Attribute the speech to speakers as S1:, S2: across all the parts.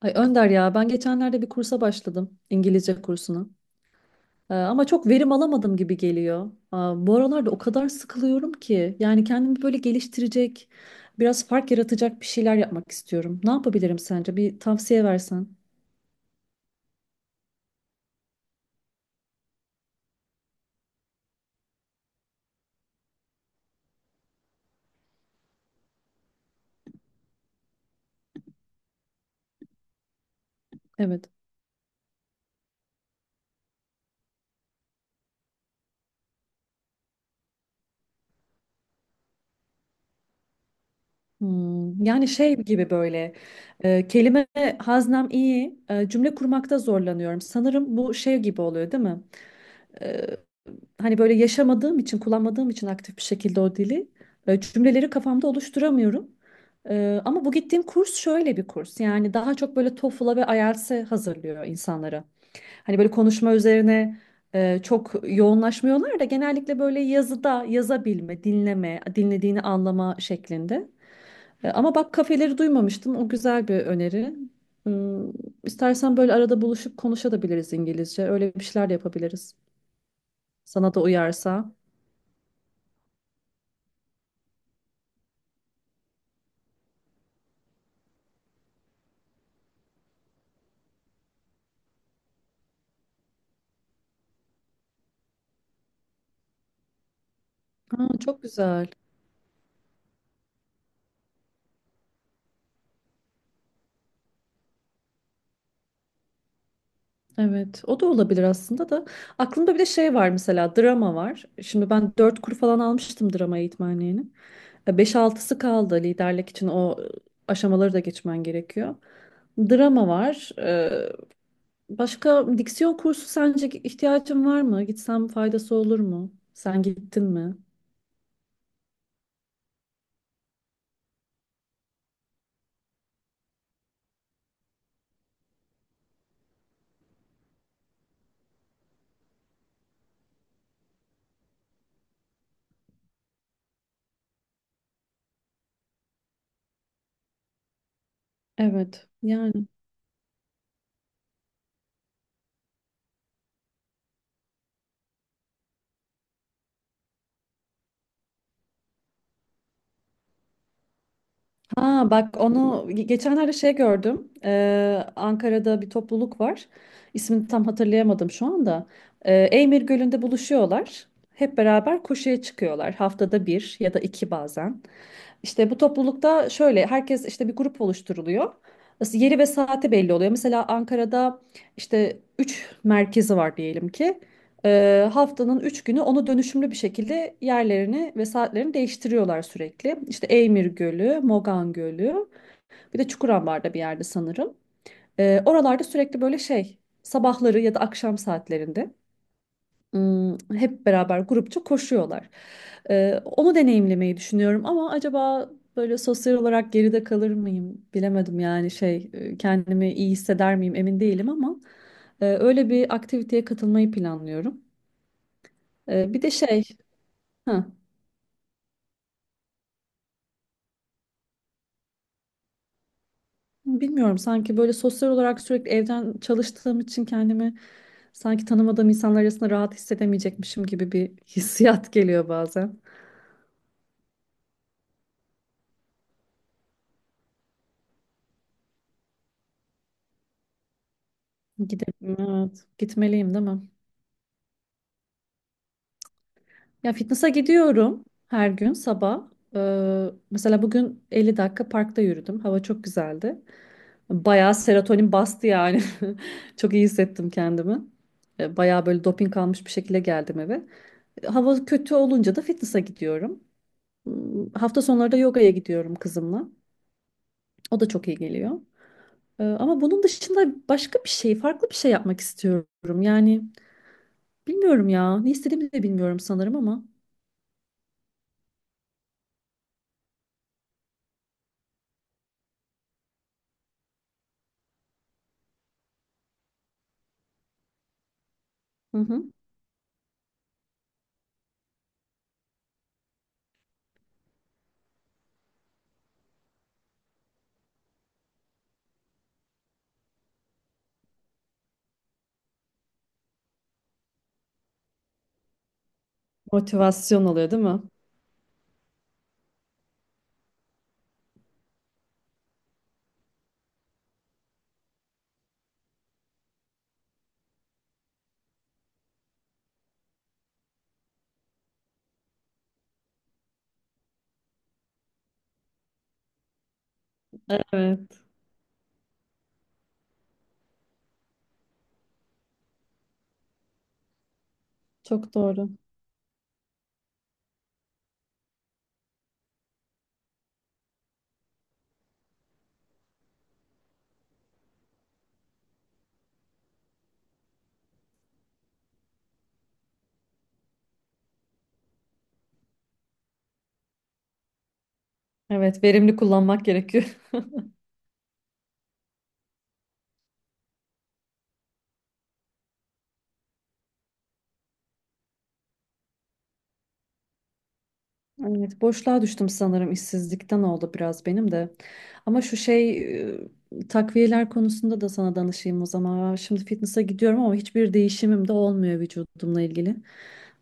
S1: Ay Önder ya, ben geçenlerde bir kursa başladım, İngilizce kursuna. Ama çok verim alamadım gibi geliyor. Bu aralarda o kadar sıkılıyorum ki, yani kendimi böyle geliştirecek, biraz fark yaratacak bir şeyler yapmak istiyorum. Ne yapabilirim sence? Bir tavsiye versen. Evet. Hmm. Yani şey gibi böyle, kelime haznem iyi, cümle kurmakta zorlanıyorum. Sanırım bu şey gibi oluyor, değil mi? E, Hani böyle yaşamadığım için, kullanmadığım için aktif bir şekilde o dili, cümleleri kafamda oluşturamıyorum. Ama bu gittiğim kurs şöyle bir kurs. Yani daha çok böyle TOEFL'a ve IELTS'e hazırlıyor insanları. Hani böyle konuşma üzerine çok yoğunlaşmıyorlar da, genellikle böyle yazıda yazabilme, dinleme, dinlediğini anlama şeklinde. Ama bak, kafeleri duymamıştım. O güzel bir öneri. Hmm. İstersen böyle arada buluşup konuşabiliriz İngilizce. Öyle bir şeyler de yapabiliriz. Sana da uyarsa. Ha, çok güzel. Evet, o da olabilir aslında da. Aklımda bir de şey var, mesela drama var. Şimdi ben 4 kur falan almıştım drama eğitmenliğini. Beş altısı kaldı liderlik için, o aşamaları da geçmen gerekiyor. Drama var. Başka diksiyon kursu, sence ihtiyacın var mı? Gitsem faydası olur mu? Sen gittin mi? Evet. Yani, ha bak onu geçenlerde şey gördüm. Ankara'da bir topluluk var. İsmini tam hatırlayamadım şu anda. Eymir Gölü'nde buluşuyorlar. Hep beraber koşuya çıkıyorlar. Haftada bir ya da iki bazen. İşte bu toplulukta şöyle, herkes işte bir grup oluşturuluyor. Yeri ve saati belli oluyor. Mesela Ankara'da işte 3 merkezi var diyelim ki. Haftanın 3 günü onu dönüşümlü bir şekilde yerlerini ve saatlerini değiştiriyorlar sürekli. İşte Eymir Gölü, Mogan Gölü, bir de Çukurambar'da bir yerde sanırım. Oralarda sürekli böyle şey, sabahları ya da akşam saatlerinde hep beraber grupça koşuyorlar. Onu deneyimlemeyi düşünüyorum ama acaba böyle sosyal olarak geride kalır mıyım, bilemedim. Yani şey, kendimi iyi hisseder miyim emin değilim ama öyle bir aktiviteye katılmayı planlıyorum. Bir de şey ha, bilmiyorum, sanki böyle sosyal olarak sürekli evden çalıştığım için kendimi sanki tanımadığım insanlar arasında rahat hissedemeyecekmişim gibi bir hissiyat geliyor bazen. Gidelim, evet. Gitmeliyim değil mi? Ya fitness'a gidiyorum her gün sabah. Mesela bugün 50 dakika parkta yürüdüm. Hava çok güzeldi. Bayağı serotonin bastı yani. Çok iyi hissettim kendimi. Bayağı böyle doping almış bir şekilde geldim eve. Hava kötü olunca da fitness'a gidiyorum. Hmm. Hafta sonları da yogaya gidiyorum kızımla. O da çok iyi geliyor. Ama bunun dışında başka bir şey, farklı bir şey yapmak istiyorum. Yani bilmiyorum ya. Ne istediğimi de bilmiyorum sanırım ama. Hı hı. Motivasyon oluyor, değil mi? Evet, çok doğru. Evet, verimli kullanmak gerekiyor. Evet, boşluğa düştüm sanırım, işsizlikten oldu biraz benim de. Ama şu şey, takviyeler konusunda da sana danışayım o zaman. Şimdi fitness'a gidiyorum ama hiçbir değişimim de olmuyor vücudumla ilgili.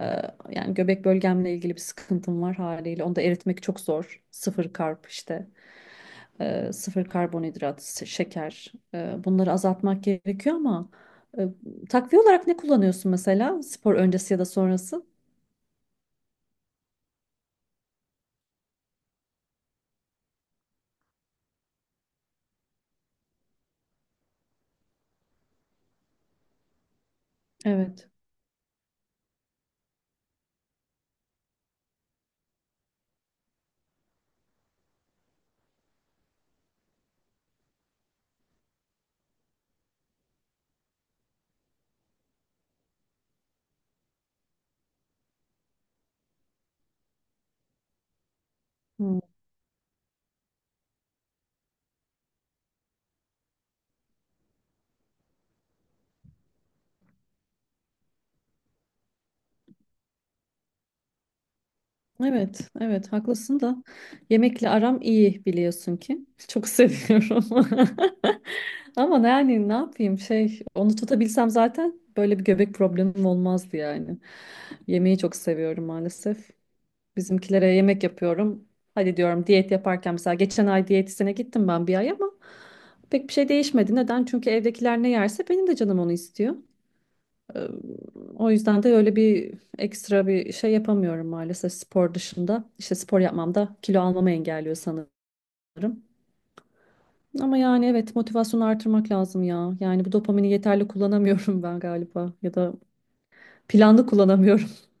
S1: Ee, Yani göbek bölgemle ilgili bir sıkıntım var haliyle. Onu da eritmek çok zor. Sıfır karp işte. Sıfır karbonhidrat, şeker. Bunları azaltmak gerekiyor ama e, takviye olarak ne kullanıyorsun mesela, spor öncesi ya da sonrası? Evet. Hmm. Evet, evet haklısın da, yemekle aram iyi biliyorsun ki. Çok seviyorum. Ama yani ne yapayım, şey, onu tutabilsem zaten böyle bir göbek problemim olmazdı yani. Yemeği çok seviyorum maalesef. Bizimkilere yemek yapıyorum. Hadi diyorum diyet yaparken, mesela geçen ay diyetisyene gittim ben bir ay ama pek bir şey değişmedi. Neden? Çünkü evdekiler ne yerse benim de canım onu istiyor. Ee, O yüzden de öyle bir ekstra bir şey yapamıyorum maalesef spor dışında. İşte spor yapmam da kilo almamı engelliyor sanırım. Ama yani evet, motivasyonu artırmak lazım ya. Yani bu dopamini yeterli kullanamıyorum ben galiba, ya da planlı kullanamıyorum.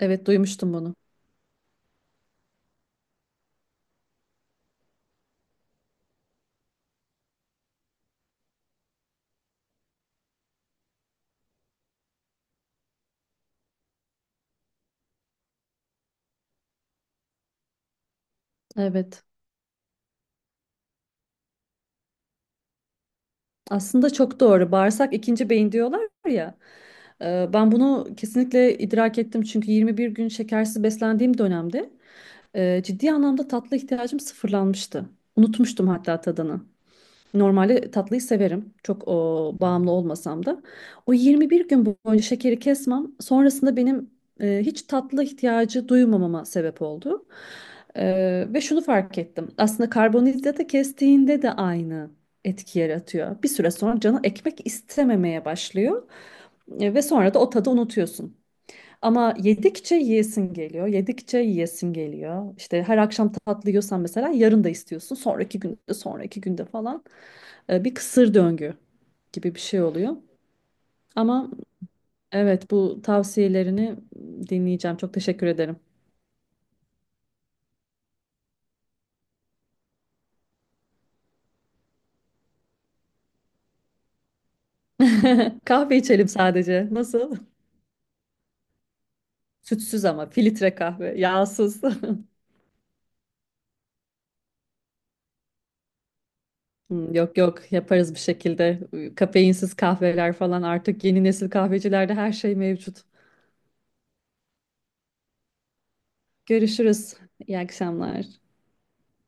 S1: Evet, duymuştum bunu. Evet. Aslında çok doğru. Bağırsak ikinci beyin diyorlar ya. Ben bunu kesinlikle idrak ettim. Çünkü 21 gün şekersiz beslendiğim dönemde ciddi anlamda tatlı ihtiyacım sıfırlanmıştı. Unutmuştum hatta tadını. Normalde tatlıyı severim. Çok bağımlı olmasam da. O 21 gün boyunca şekeri kesmem sonrasında benim hiç tatlı ihtiyacı duymamama sebep oldu. E, Ve şunu fark ettim. Aslında karbonhidratı kestiğinde de aynı etki yaratıyor. Bir süre sonra canı ekmek istememeye başlıyor. Ve sonra da o tadı unutuyorsun. Ama yedikçe yiyesin geliyor, yedikçe yiyesin geliyor. İşte her akşam tatlı yiyorsan, mesela yarın da istiyorsun. Sonraki günde, sonraki günde falan. Bir kısır döngü gibi bir şey oluyor. Ama evet, bu tavsiyelerini dinleyeceğim. Çok teşekkür ederim. Kahve içelim sadece. Nasıl? Sütsüz ama filtre kahve, yağsız. Hmm. Yok yok, yaparız bir şekilde. Kafeinsiz kahveler falan, artık yeni nesil kahvecilerde her şey mevcut. Görüşürüz. İyi akşamlar.